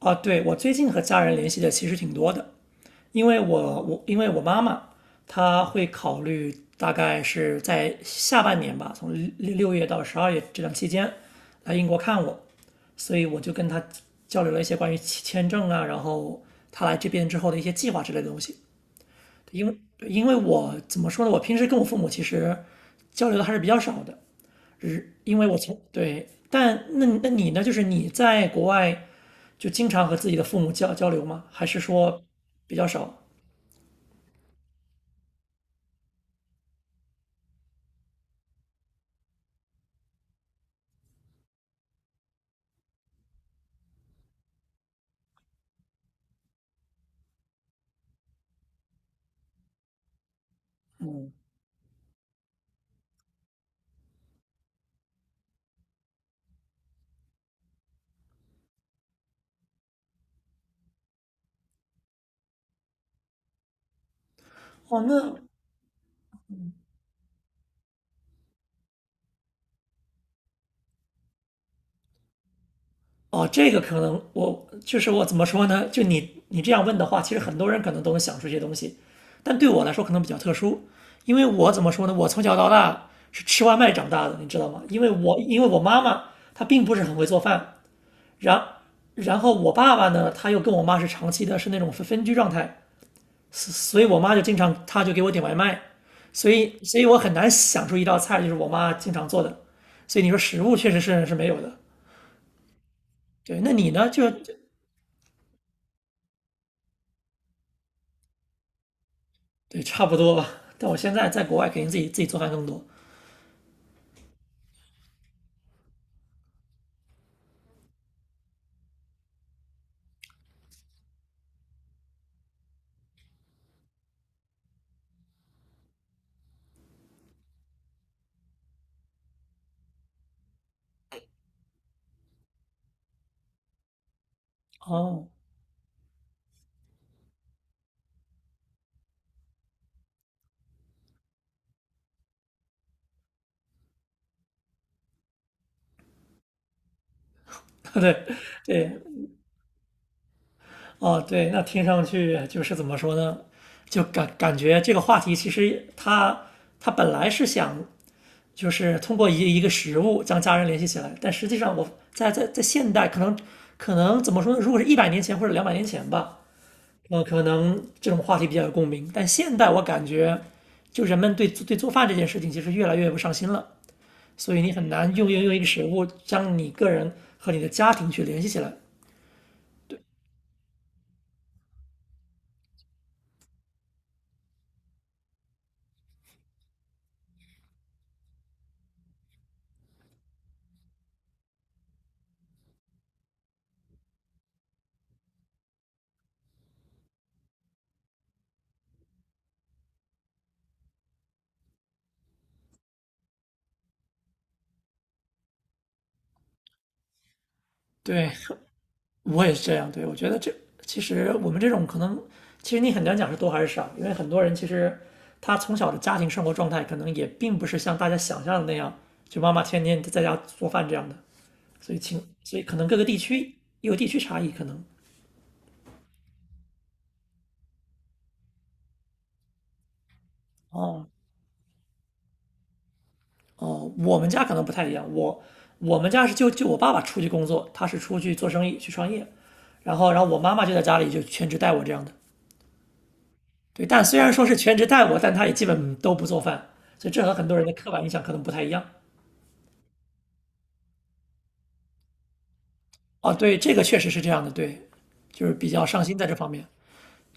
啊，对，我最近和家人联系的其实挺多的，因为我妈妈她会考虑大概是在下半年吧，从六月到12月这段期间来英国看我，所以我就跟她交流了一些关于签证啊，然后她来这边之后的一些计划之类的东西。因为因为我怎么说呢，我平时跟我父母其实交流的还是比较少的，只因为我从对，但那你呢？就是你在国外就经常和自己的父母交流吗？还是说比较少？哦，这个可能我就是我怎么说呢？就你你这样问的话，其实很多人可能都能想出这些东西，但对我来说可能比较特殊，因为我怎么说呢？我从小到大是吃外卖长大的，你知道吗？因为我妈妈她并不是很会做饭，然然后我爸爸呢，他又跟我妈是长期的是那种分居状态，所以我妈就经常，她就给我点外卖，所以我很难想出一道菜就是我妈经常做的，所以你说食物确实是没有的。对，那你呢？对，差不多吧。但我现在在国外，肯定自己做饭更多。哦，对对哦对，那听上去就是怎么说呢？就感觉这个话题其实它本来是想就是通过一个食物将家人联系起来。但实际上，我在现代可能怎么说呢？如果是100年前或者200年前吧，可能这种话题比较有共鸣。但现代我感觉，就人们对做饭这件事情其实越来越不上心了，所以你很难用一个食物将你个人和你的家庭去联系起来。对，我也是这样，对，我觉得这其实我们这种可能，其实你很难讲是多还是少，因为很多人其实他从小的家庭生活状态可能也并不是像大家想象的那样，就妈妈天天在家做饭这样的，所以情，所以可能各个地区有地区差异，可能。哦哦，我们家可能不太一样，我们家是就我爸爸出去工作，他是出去做生意去创业，然后我妈妈就在家里就全职带我这样的，对，但虽然说是全职带我，但他也基本都不做饭，所以这和很多人的刻板印象可能不太一样。哦，对，这个确实是这样的，对，就是比较上心在这方面。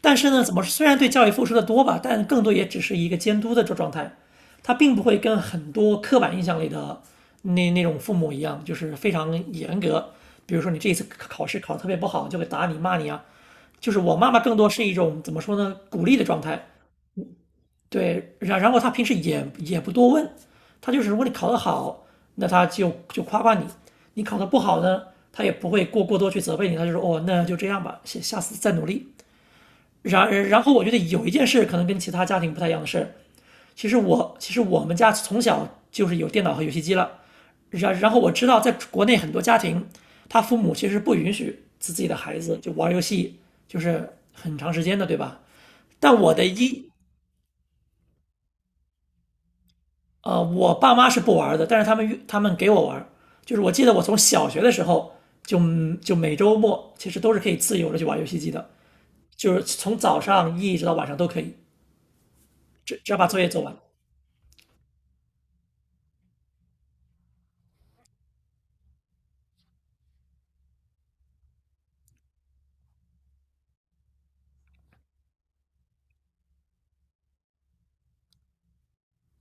但是呢，怎么说虽然对教育付出的多吧，但更多也只是一个监督的这状态，他并不会跟很多刻板印象里的那种父母一样，就是非常严格。比如说你这一次考试考得特别不好，就会打你骂你啊。就是我妈妈更多是一种怎么说呢，鼓励的状态。对，然后他平时也也不多问，他就是如果你考得好，那他就就夸夸你；你考得不好呢，他也不会过多去责备你，他就说哦，那就这样吧，下次再努力。然后我觉得有一件事可能跟其他家庭不太一样的是，其实我们家从小就是有电脑和游戏机了，然后我知道在国内很多家庭，他父母其实不允许自己的孩子就玩游戏，就是很长时间的，对吧？但我的一呃，我爸妈是不玩的，但是他们给我玩，就是我记得我从小学的时候就就每周末其实都是可以自由的去玩游戏机的，就是从早上一直到晚上都可以，只要把作业做完。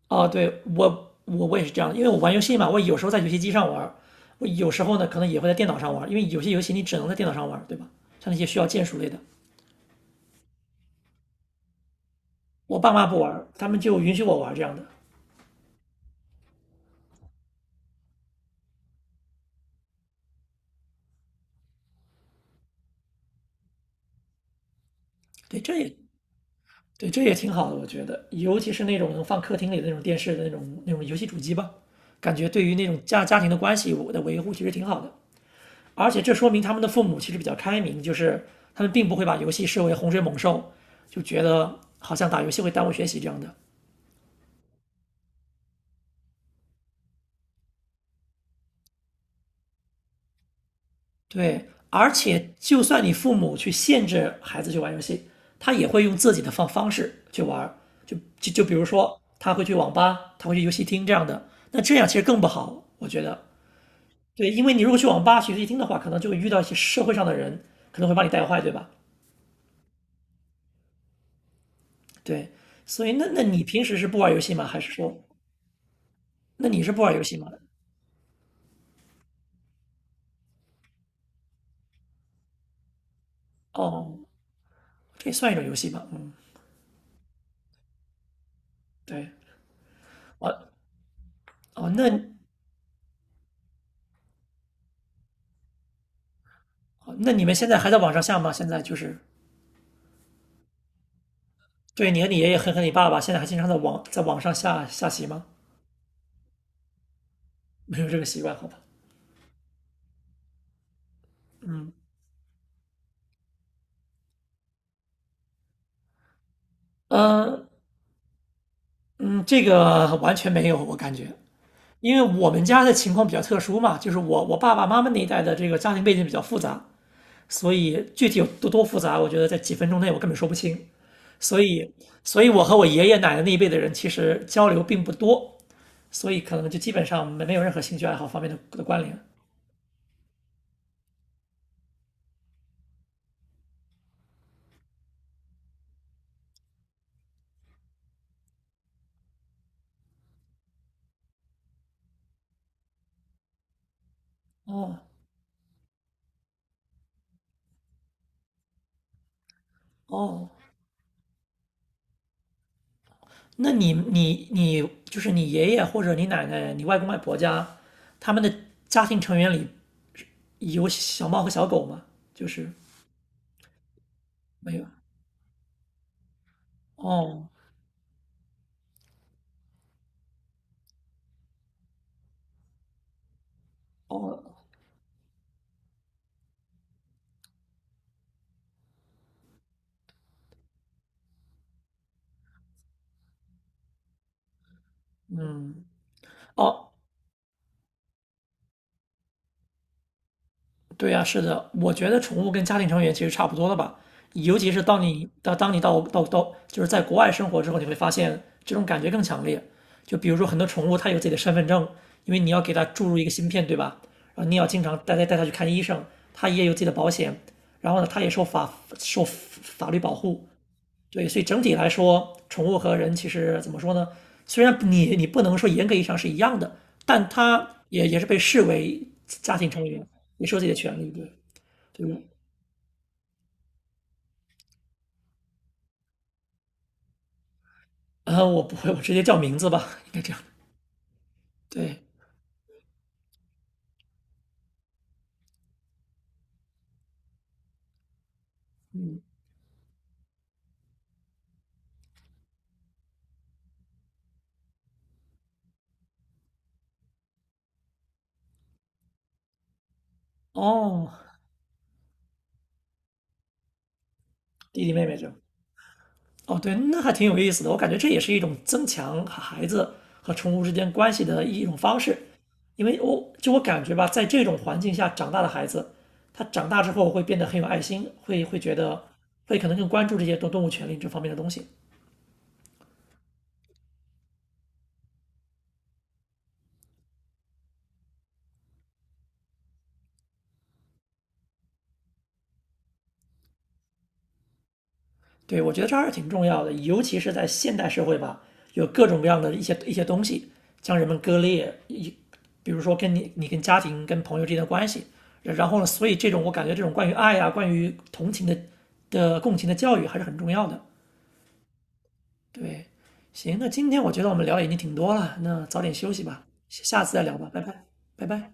哦，对，我也是这样的，因为我玩游戏嘛，我有时候在游戏机上玩，我有时候呢可能也会在电脑上玩，因为有些游戏你只能在电脑上玩，对吧？像那些需要键鼠类的，我爸妈不玩，他们就允许我玩这样的。对，对，这也挺好的，我觉得，尤其是那种能放客厅里的那种电视的那种游戏主机吧，感觉对于那种家庭的关系我的维护其实挺好的。而且这说明他们的父母其实比较开明，就是他们并不会把游戏视为洪水猛兽，就觉得好像打游戏会耽误学习这样的。对，而且就算你父母去限制孩子去玩游戏，他也会用自己的方式去玩就比如说他会去网吧，他会去游戏厅这样的。那这样其实更不好，我觉得。对，因为你如果去网吧、去夜厅的话，可能就会遇到一些社会上的人，可能会把你带坏，对吧？对，所以那你平时是不玩游戏吗？还是说，那你是不玩游戏吗？哦，这也算一种游戏吧。嗯，对，哦哦，那你们现在还在网上下吗？现在就是，对，你和你爷爷和和你爸爸现在还经常在网上下棋吗？没有这个习惯，好吧？嗯嗯嗯，这个完全没有，我感觉。因为我们家的情况比较特殊嘛，就是我我爸爸妈妈那一代的这个家庭背景比较复杂，所以具体有多复杂，我觉得在几分钟内我根本说不清。所以，所以我和我爷爷奶奶那一辈的人其实交流并不多，所以可能就基本上没有任何兴趣爱好方面的关联。哦哦，那你就是你爷爷或者你奶奶、你外公外婆家，他们的家庭成员里有小猫和小狗吗？就是没有。哦哦，嗯，哦对呀，是的，我觉得宠物跟家庭成员其实差不多的吧，尤其是当你到就是在国外生活之后，你会发现这种感觉更强烈。就比如说很多宠物它有自己的身份证，因为你要给它注入一个芯片，对吧？然后你要经常带它去看医生，它也有自己的保险，然后呢，它也受法律保护，对，所以整体来说，宠物和人其实怎么说呢？虽然你你不能说严格意义上是一样的，但它也也是被视为家庭成员，也是有自己的权利。对，对，我不会，我直接叫名字吧，应该这样。对，嗯，哦，弟弟妹妹这样哦，对，那还挺有意思的。我感觉这也是一种增强孩子和宠物之间关系的一种方式，因为我感觉吧，在这种环境下长大的孩子，他长大之后会变得很有爱心，会觉得会可能更关注这些动物权利这方面的东西。对，我觉得这还是挺重要的，尤其是在现代社会吧，有各种各样的一些东西将人们割裂，比如说跟你跟家庭跟朋友之间的关系，然后呢，所以这种我感觉这种关于爱啊，关于同情的共情的教育还是很重要的。对，行，那今天我觉得我们聊的已经挺多了，那早点休息吧，下次再聊吧，拜拜，拜拜。